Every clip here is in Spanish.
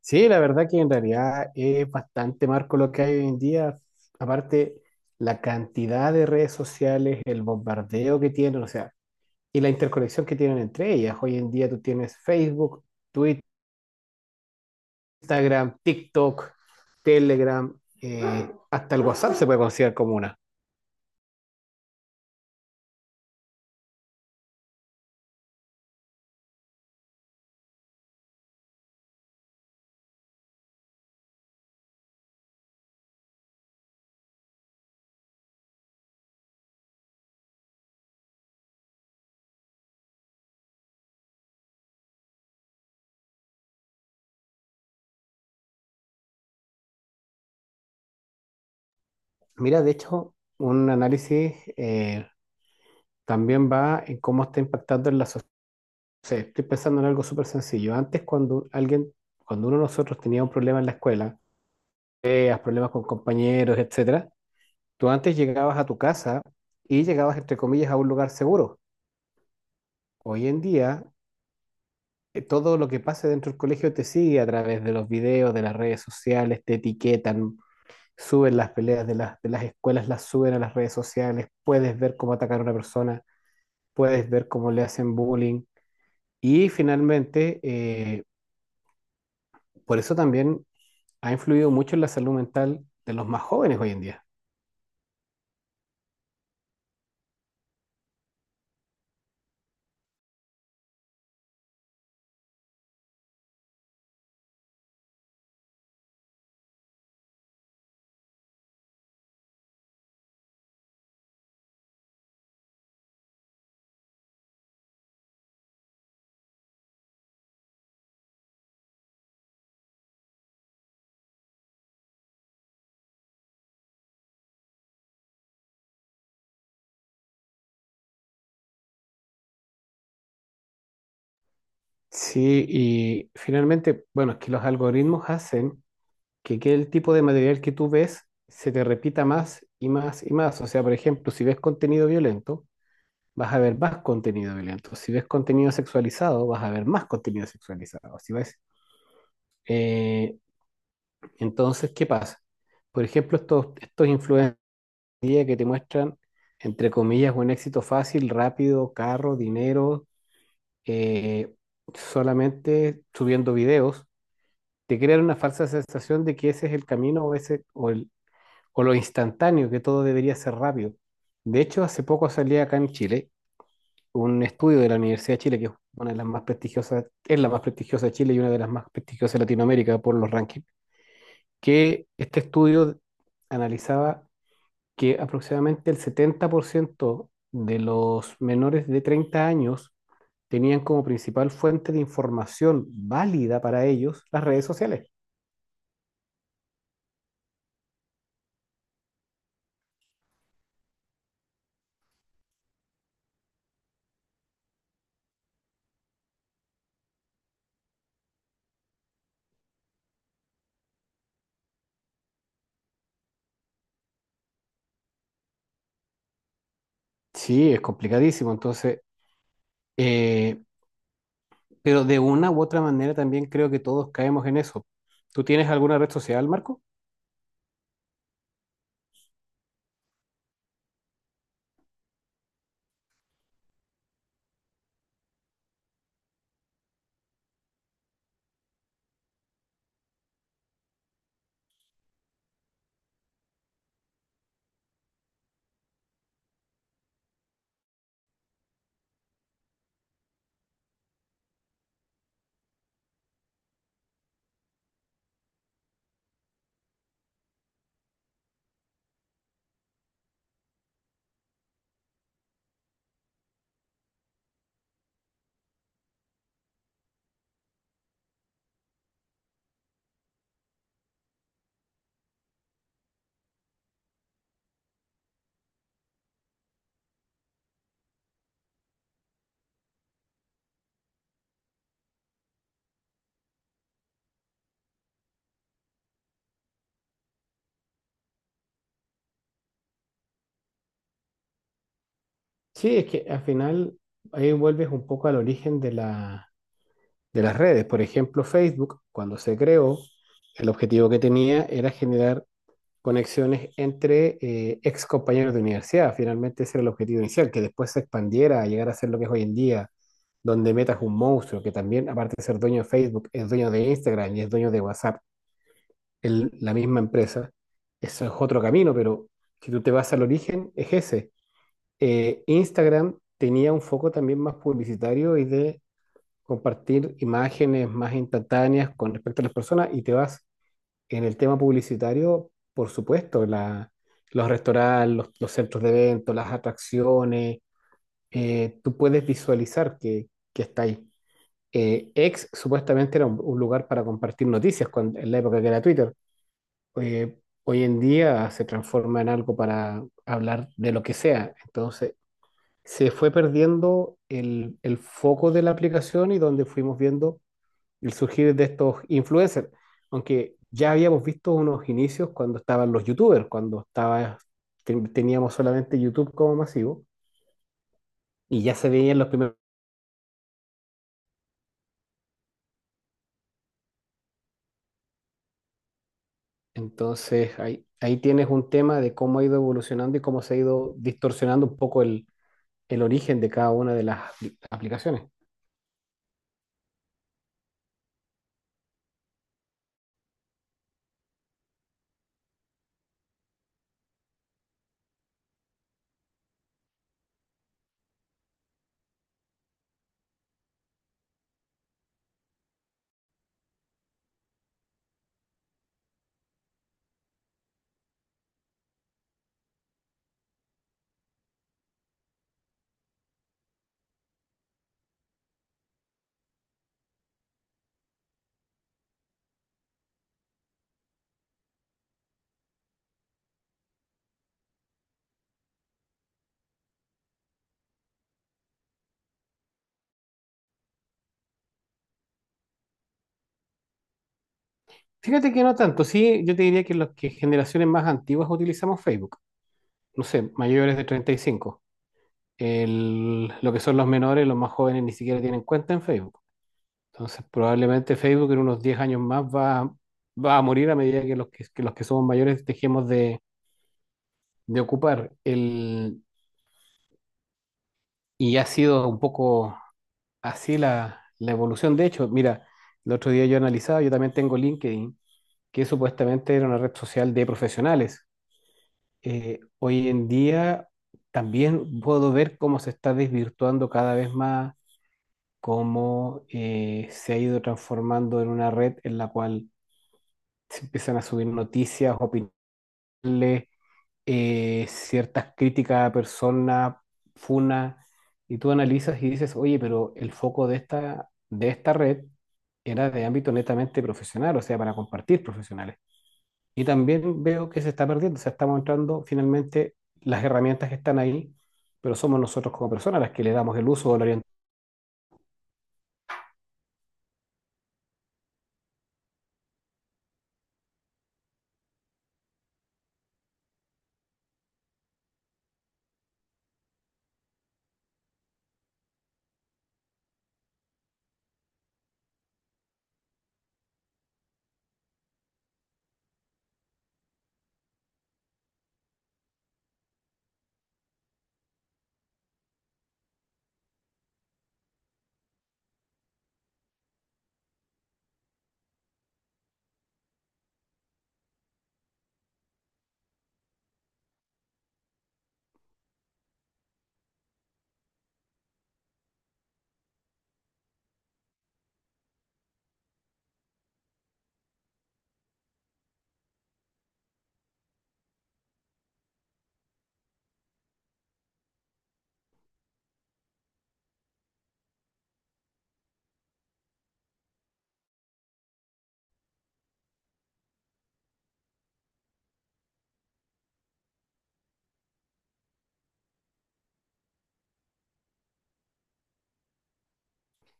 Sí, la verdad que en realidad es bastante marco lo que hay hoy en día. Aparte, la cantidad de redes sociales, el bombardeo que tienen, o sea, y la interconexión que tienen entre ellas. Hoy en día tú tienes Facebook, Twitter, Instagram, TikTok, Telegram, hasta el WhatsApp se puede considerar como una. Mira, de hecho, un análisis, también va en cómo está impactando en la sociedad. Estoy pensando en algo súper sencillo. Antes, cuando alguien, cuando uno de nosotros tenía un problema en la escuela, peleas, problemas con compañeros, etcétera, tú antes llegabas a tu casa y llegabas, entre comillas, a un lugar seguro. Hoy en día, todo lo que pase dentro del colegio te sigue a través de los videos, de las redes sociales, te etiquetan, suben las peleas de las escuelas, las suben a las redes sociales, puedes ver cómo atacar a una persona, puedes ver cómo le hacen bullying. Y finalmente, por eso también ha influido mucho en la salud mental de los más jóvenes hoy en día. Sí, y finalmente, bueno, es que los algoritmos hacen que el tipo de material que tú ves se te repita más y más y más. O sea, por ejemplo, si ves contenido violento, vas a ver más contenido violento. Si ves contenido sexualizado, vas a ver más contenido sexualizado. Si ves, eh, entonces, ¿qué pasa? Por ejemplo, estos influencers que te muestran, entre comillas, un éxito fácil, rápido, carro, dinero, eh, solamente subiendo videos te crean una falsa sensación de que ese es el camino o, ese, o, el, o lo instantáneo, que todo debería ser rápido. De hecho, hace poco salía acá en Chile un estudio de la Universidad de Chile, que es una de las más prestigiosas, es la más prestigiosa de Chile y una de las más prestigiosas de Latinoamérica por los rankings, que este estudio analizaba que aproximadamente el 70% de los menores de 30 años tenían como principal fuente de información válida para ellos las redes sociales. Sí, es complicadísimo. Eh, pero de una u otra manera también creo que todos caemos en eso. ¿Tú tienes alguna red social, Marco? Sí, es que al final ahí vuelves un poco al origen de las redes. Por ejemplo, Facebook, cuando se creó, el objetivo que tenía era generar conexiones entre ex compañeros de universidad. Finalmente ese era el objetivo inicial, que después se expandiera a llegar a ser lo que es hoy en día, donde Meta es un monstruo, que también, aparte de ser dueño de Facebook, es dueño de Instagram y es dueño de WhatsApp. La misma empresa. Eso es otro camino, pero si tú te vas al origen, es ese. Instagram tenía un foco también más publicitario y de compartir imágenes más instantáneas con respecto a las personas y te vas en el tema publicitario, por supuesto, los restaurantes, los centros de eventos, las atracciones, tú puedes visualizar que está ahí. X supuestamente era un lugar para compartir noticias en la época que era Twitter eh, hoy en día se transforma en algo para hablar de lo que sea. Entonces, se fue perdiendo el foco de la aplicación y donde fuimos viendo el surgir de estos influencers. Aunque ya habíamos visto unos inicios cuando estaban los youtubers, teníamos solamente YouTube como masivo y ya se veían los primeros. Entonces, ahí tienes un tema de cómo ha ido evolucionando y cómo se ha ido distorsionando un poco el origen de cada una de las aplicaciones. Fíjate que no tanto, sí, yo te diría que los que generaciones más antiguas utilizamos Facebook, no sé, mayores de 35. El, lo que son los menores, los más jóvenes ni siquiera tienen cuenta en Facebook. Entonces, probablemente Facebook en unos 10 años más va a morir a medida que los que somos mayores dejemos de ocupar. El, y ha sido un poco así la evolución. De hecho, mira, el otro día yo analizaba, yo también tengo LinkedIn, que supuestamente era una red social de profesionales, hoy en día también puedo ver cómo se está desvirtuando cada vez más, cómo se ha ido transformando en una red en la cual se empiezan a subir noticias, opiniones, ciertas críticas a personas, funas, y tú analizas y dices, oye, pero el foco de esta red era de ámbito netamente profesional, o sea, para compartir profesionales. Y también veo que se está perdiendo, o sea, estamos entrando finalmente las herramientas que están ahí, pero somos nosotros como personas las que le damos el uso o la orientación.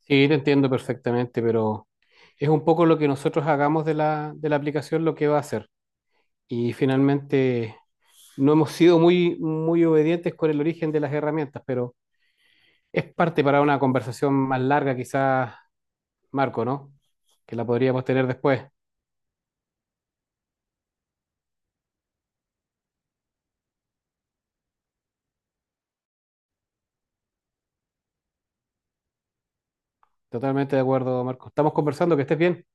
Sí, te entiendo perfectamente, pero es un poco lo que nosotros hagamos de la aplicación lo que va a hacer. Y finalmente no hemos sido muy, muy obedientes con el origen de las herramientas, pero es parte para una conversación más larga, quizás, Marco, ¿no? Que la podríamos tener después. Totalmente de acuerdo, Marco. Estamos conversando, que estés bien.